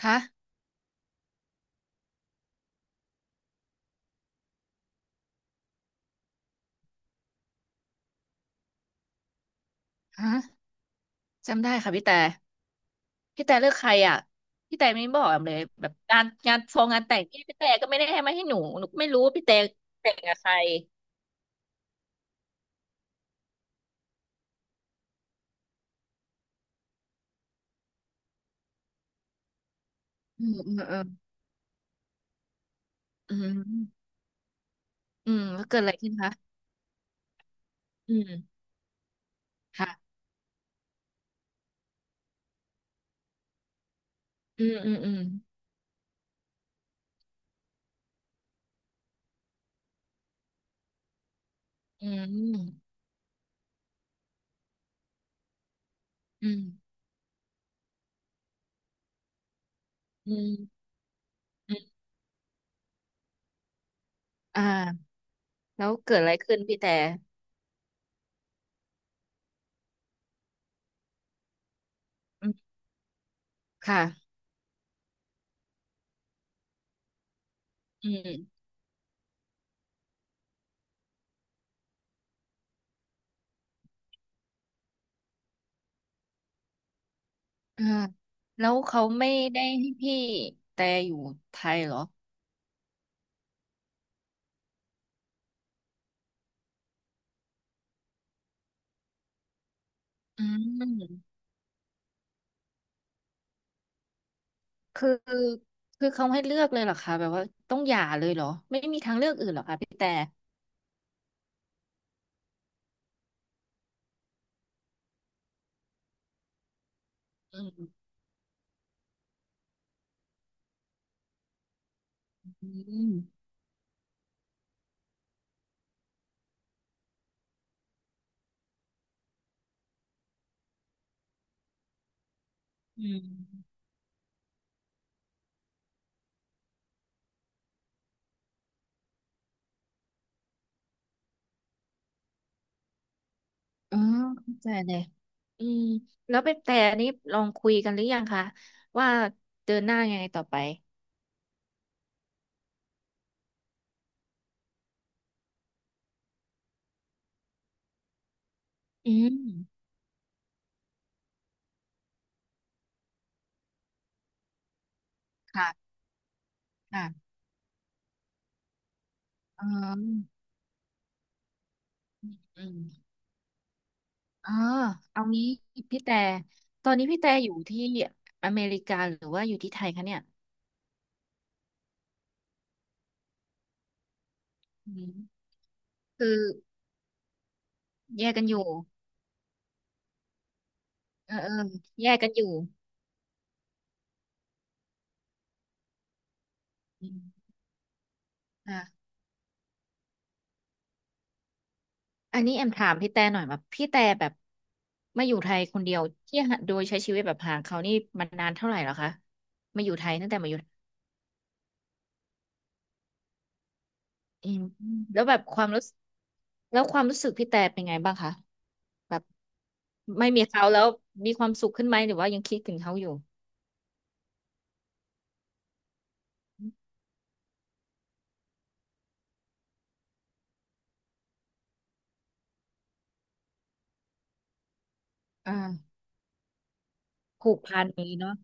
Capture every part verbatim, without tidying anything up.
คะฮะจำได้ค่ะพี่แต่พี่แต่เลือกใครอ่ะพี่แต่ไม่บอกแอมเลยแบบงานงานฟองงานแต่งพี่พี่แต่ก็ไม่ได้ให้มาให้หนูหนูก็ไม่รู้ว่าพี่แต่แต่งกับใครอืมอืมอืมอืมอืมแล้วเกิดอะไรขึ้นคะอืมค่ะอืมอืมอืมอืมอืมอืมอืมอ่าแล้วเกิดอะไรขึ้นพี่แต่อืมค่ะอืมอ่าแล้วเขาไม่ได้ให้พี่แต่อยู่ไทยเหรออืม คือคือเขาให้เลือกเลยเหรอคะแบบว่าต้องหย่าเลยเหรอไม่มีทางเลือกอื่นเหรอคะพี่แต่อืมอืมอืมอ๋อเข้าใจเลยอืมแล้วพี่แต่นี้ลองคุยกันหรือยังคะว่าเดินหน้ายังไงต่อไปอืมค่ะค่ะอ๋ออืมอ๋อเอางี้พี่แต่ตอนนี้พี่แต่อยู่ที่อเมริกาหรือว่าอยู่ที่ไทยคะเนี่ยอืมคือแยกกันอยู่เออเออแยกกันอยู่อืม อันนี้แอมถามพี่แต่หน่อยแบบพี่แต่แบบมาอยู่ไทยคนเดียวที่หาโดยใช้ชีวิตแบบห่างเขานี่มันนานเท่าไหร่แล้วคะมาอยู่ไทยตั้งแต่มาอยู่อืมแล้วแบบความรู้สึกแล้วความรู้สึกพี่แต่เป็นไงบ้างคะแบบไม่มีเขาแล้วมีความสุขขึ้นไหมหรือว่ายังคิดถึงเขาอยู่อ่าผูกพันนี้เนาะ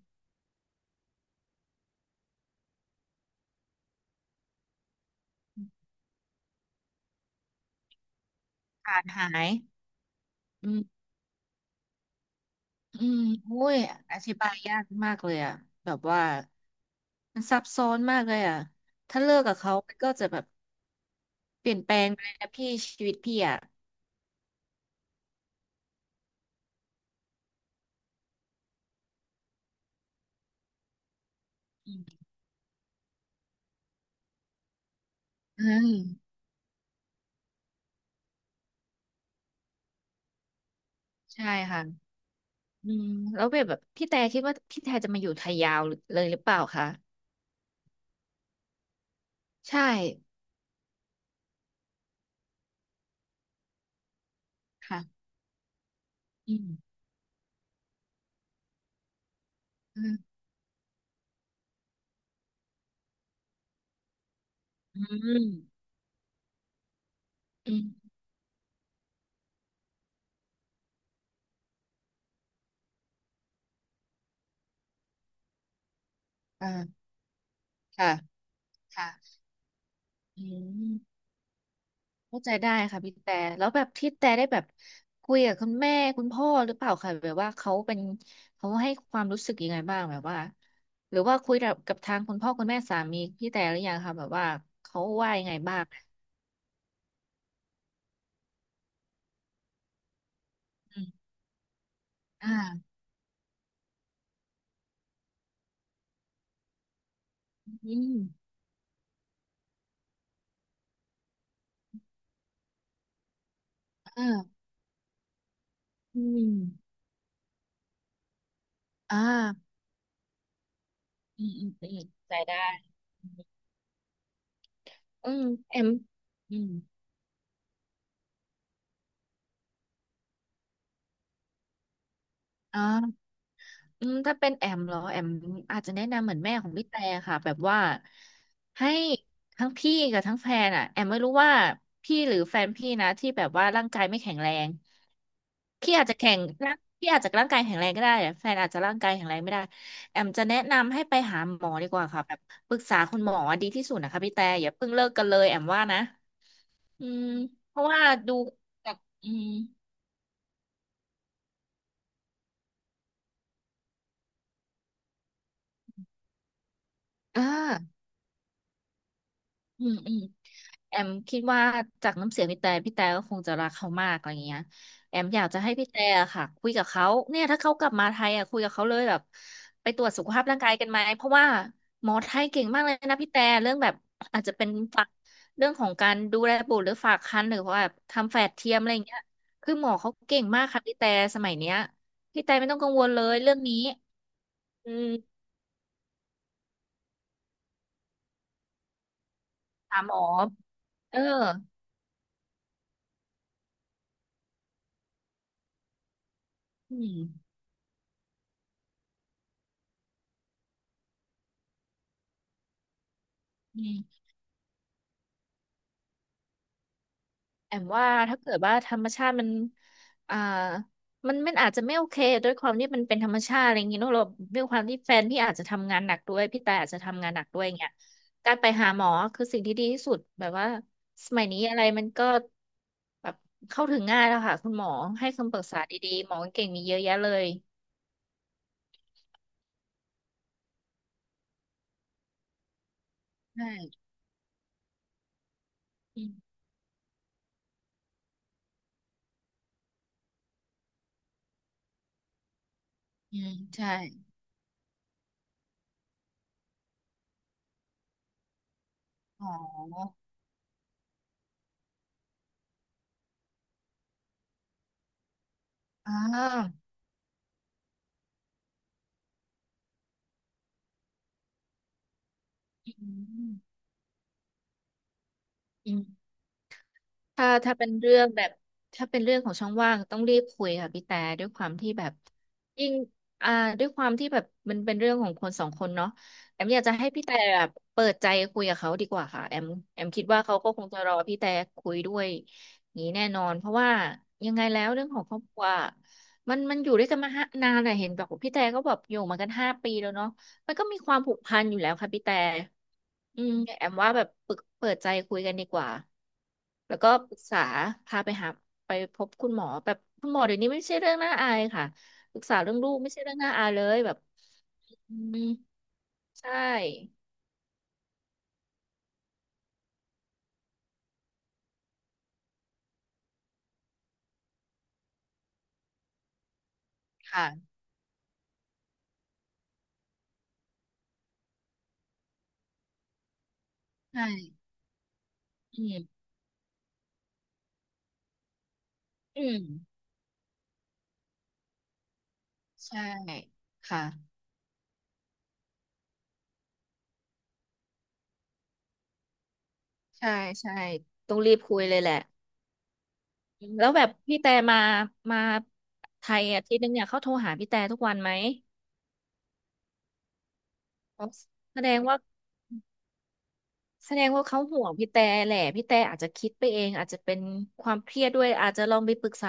ขาดหายอืมอืมโอุ้ยอธิบายยากมากเลยอ่ะแบบว่ามันซับซ้อนมากเลยอ่ะถ้าเลิกกับเขามันก็จะแบบ เปลี่ยนแปลงไปเลยนะพี่ชีวิตพี่อ่ะอืมอืมใช่ค่ะอืมแล้วแบบแบบพี่แต่คิดว่าพี่แต่จะมาอยู่ไทยยาวเลยหรือเปล่าคะใช่ค่ะอืมอืมอืมอืมอ่าค่ะค่ะอืมเข้าใจได้ค่ะพี่แต่แล้วแบบพี่แต่ได้แบบคุยกับคุณแม่คุณพ่อหรือเปล่าคะแบบว่าเขาเป็นเขาให้ความรู้สึกยังไงบ้างแบบว่าหรือว่าคุยกับกับทางคุณพ่อคุณแม่สามีพี่แต่หรือยังคะแบบว่าเขาว่ายังไงบ้าง อ่าอืมอ่าอืมอ่าอืมอืมอืมใจได้ อืมแอมอืมอ่าอืมถ้าเป็นแอมเหรอแอมอาจจะแนะนำเหมือนแม่ของพี่แต่ค่ะแบบว่าให้ทั้งพี่กับทั้งแฟนอ่ะแอมไม่รู้ว่าพี่หรือแฟนพี่นะที่แบบว่าร่างกายไม่แข็งแรงพี่อาจจะแข็งร่างพี่อาจจะร่างกายแข็งแรงก็ได้อะแฟนอาจจะร่างกายแข็งแรงไม่ได้แอมจะแนะนำให้ไปหาหมอดีกว่าค่ะแบบปรึกษาคุณหมอดีที่สุดนะคะพี่แต่อย่าเพิ่งเลิกกันเลยแอมว่านะ อืมเพราะว่าดูจากอืมอ่าอืมอืมแอมคิดว่าจากน้ำเสียงพี่แต่พี่แต่ก็คงจะรักเขามากอะไรเงี้ยแอมอยากจะให้พี่แต่อะค่ะคุยกับเขาเนี่ยถ้าเขากลับมาไทยอ่ะคุยกับเขาเลยแบบไปตรวจสุขภาพร่างกายกันไหมเพราะว่าหมอไทยเก่งมากเลยนะพี่แต่เรื่องแบบอาจจะเป็นฝากเรื่องของการดูแลบุตรหรือฝากครรภ์หรือว่าแบบทำแฝดเทียมอะไรเงี้ยคือหมอเขาเก่งมากค่ะพี่แต่สมัยเนี้ยพี่แต่ไม่ต้องกังวลเลยเรื่องนี้อืมถามหมอ เอออืมอืมแอมว่าถ้าเกิดว่าธรรมชาติมัน อ่ามันมันอาจจะไม่โอเคด้วยความที่มันเป็นธรรมชาติอะไรอย่างงี้เนอะเราด้วยความที่แฟนพี่อาจจะทำงานหนักด้วยพี่แต่อาจจะทำงานหนักด้วยอย่างเงี้ยการไปหาหมอคือสิ่งที่ดีที่สุดแบบว่าสมัยนี้อะไรมันก็แบบเข้าถึงง่ายแล้วค่ะคุณหมอให้คำปรึกษาดีๆหมอเก่งมีเยอะแยะเลยใช่อืมอืมใช่อ๋ออ่าอืม ถ้าถ้าเป็นเรื่องแบบถ้าเป็นเรื่องของช่องว่างต้องรีบคุยค่ะพี่แต่ด้วยความที่แบบยิ่งอ่าด้วยความที่แบบมันเป็นเรื่องของคนสองคนเนาะแอมอยากจะให้พี่แต่แบบเปิดใจคุยกับเขาดีกว่าค่ะแอมแอมคิดว่าเขาก็คงจะรอพี่แต่คุยด้วยอย่างนี้แน่นอนเพราะว่ายังไงแล้วเรื่องของครอบครัวมันมันอยู่ด้วยกันมาห้านานอะเห็นบอกว่าพี่แต่ก็แบบอยู่มากันห้าปีแล้วเนาะ มันก็มีความผูกพันอยู่แล้วค่ะพี่แต่อืมแอมว่าแบบปรึกเปิดใจคุยกันดีกว่าแล้วก็ปรึกษาพาไปหาไปพบคุณหมอแบบคุณหมอเดี๋ยวนี้ไม่ใช่เรื่องน่าอายค่ะปรึกษาเรื่องลูกไม่ใช่เรื่องน่าอายเลยแบบอืมใช่ค่ะใช่อืมอืมใช่ค่ะใช่ใช่ต้องรีบคุยเลยแหละแล้วแบบพี่แต่มามาไทยอาทิตย์นึงเนี่ยเขาโทรหาพี่แต่ทุกวันไหมอ๋อแสดงว่า แสดงว่าเขาห่วงพี่แต่แหละพี่แต่อาจจะคิดไปเองอาจจะเป็นความเครียดด้วยอาจจะลองไปปรึกษา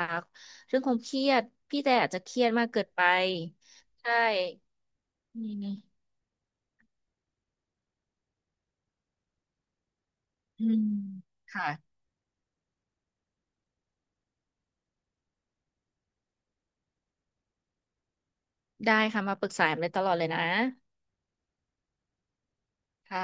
เรื่องความเครียดพี่แต่อาจจะเครียดมากเกินไปใช่อืมอืมค่ะได้ค่ะมาปรึกษาแอมได้ตลอดเลยนะค่ะ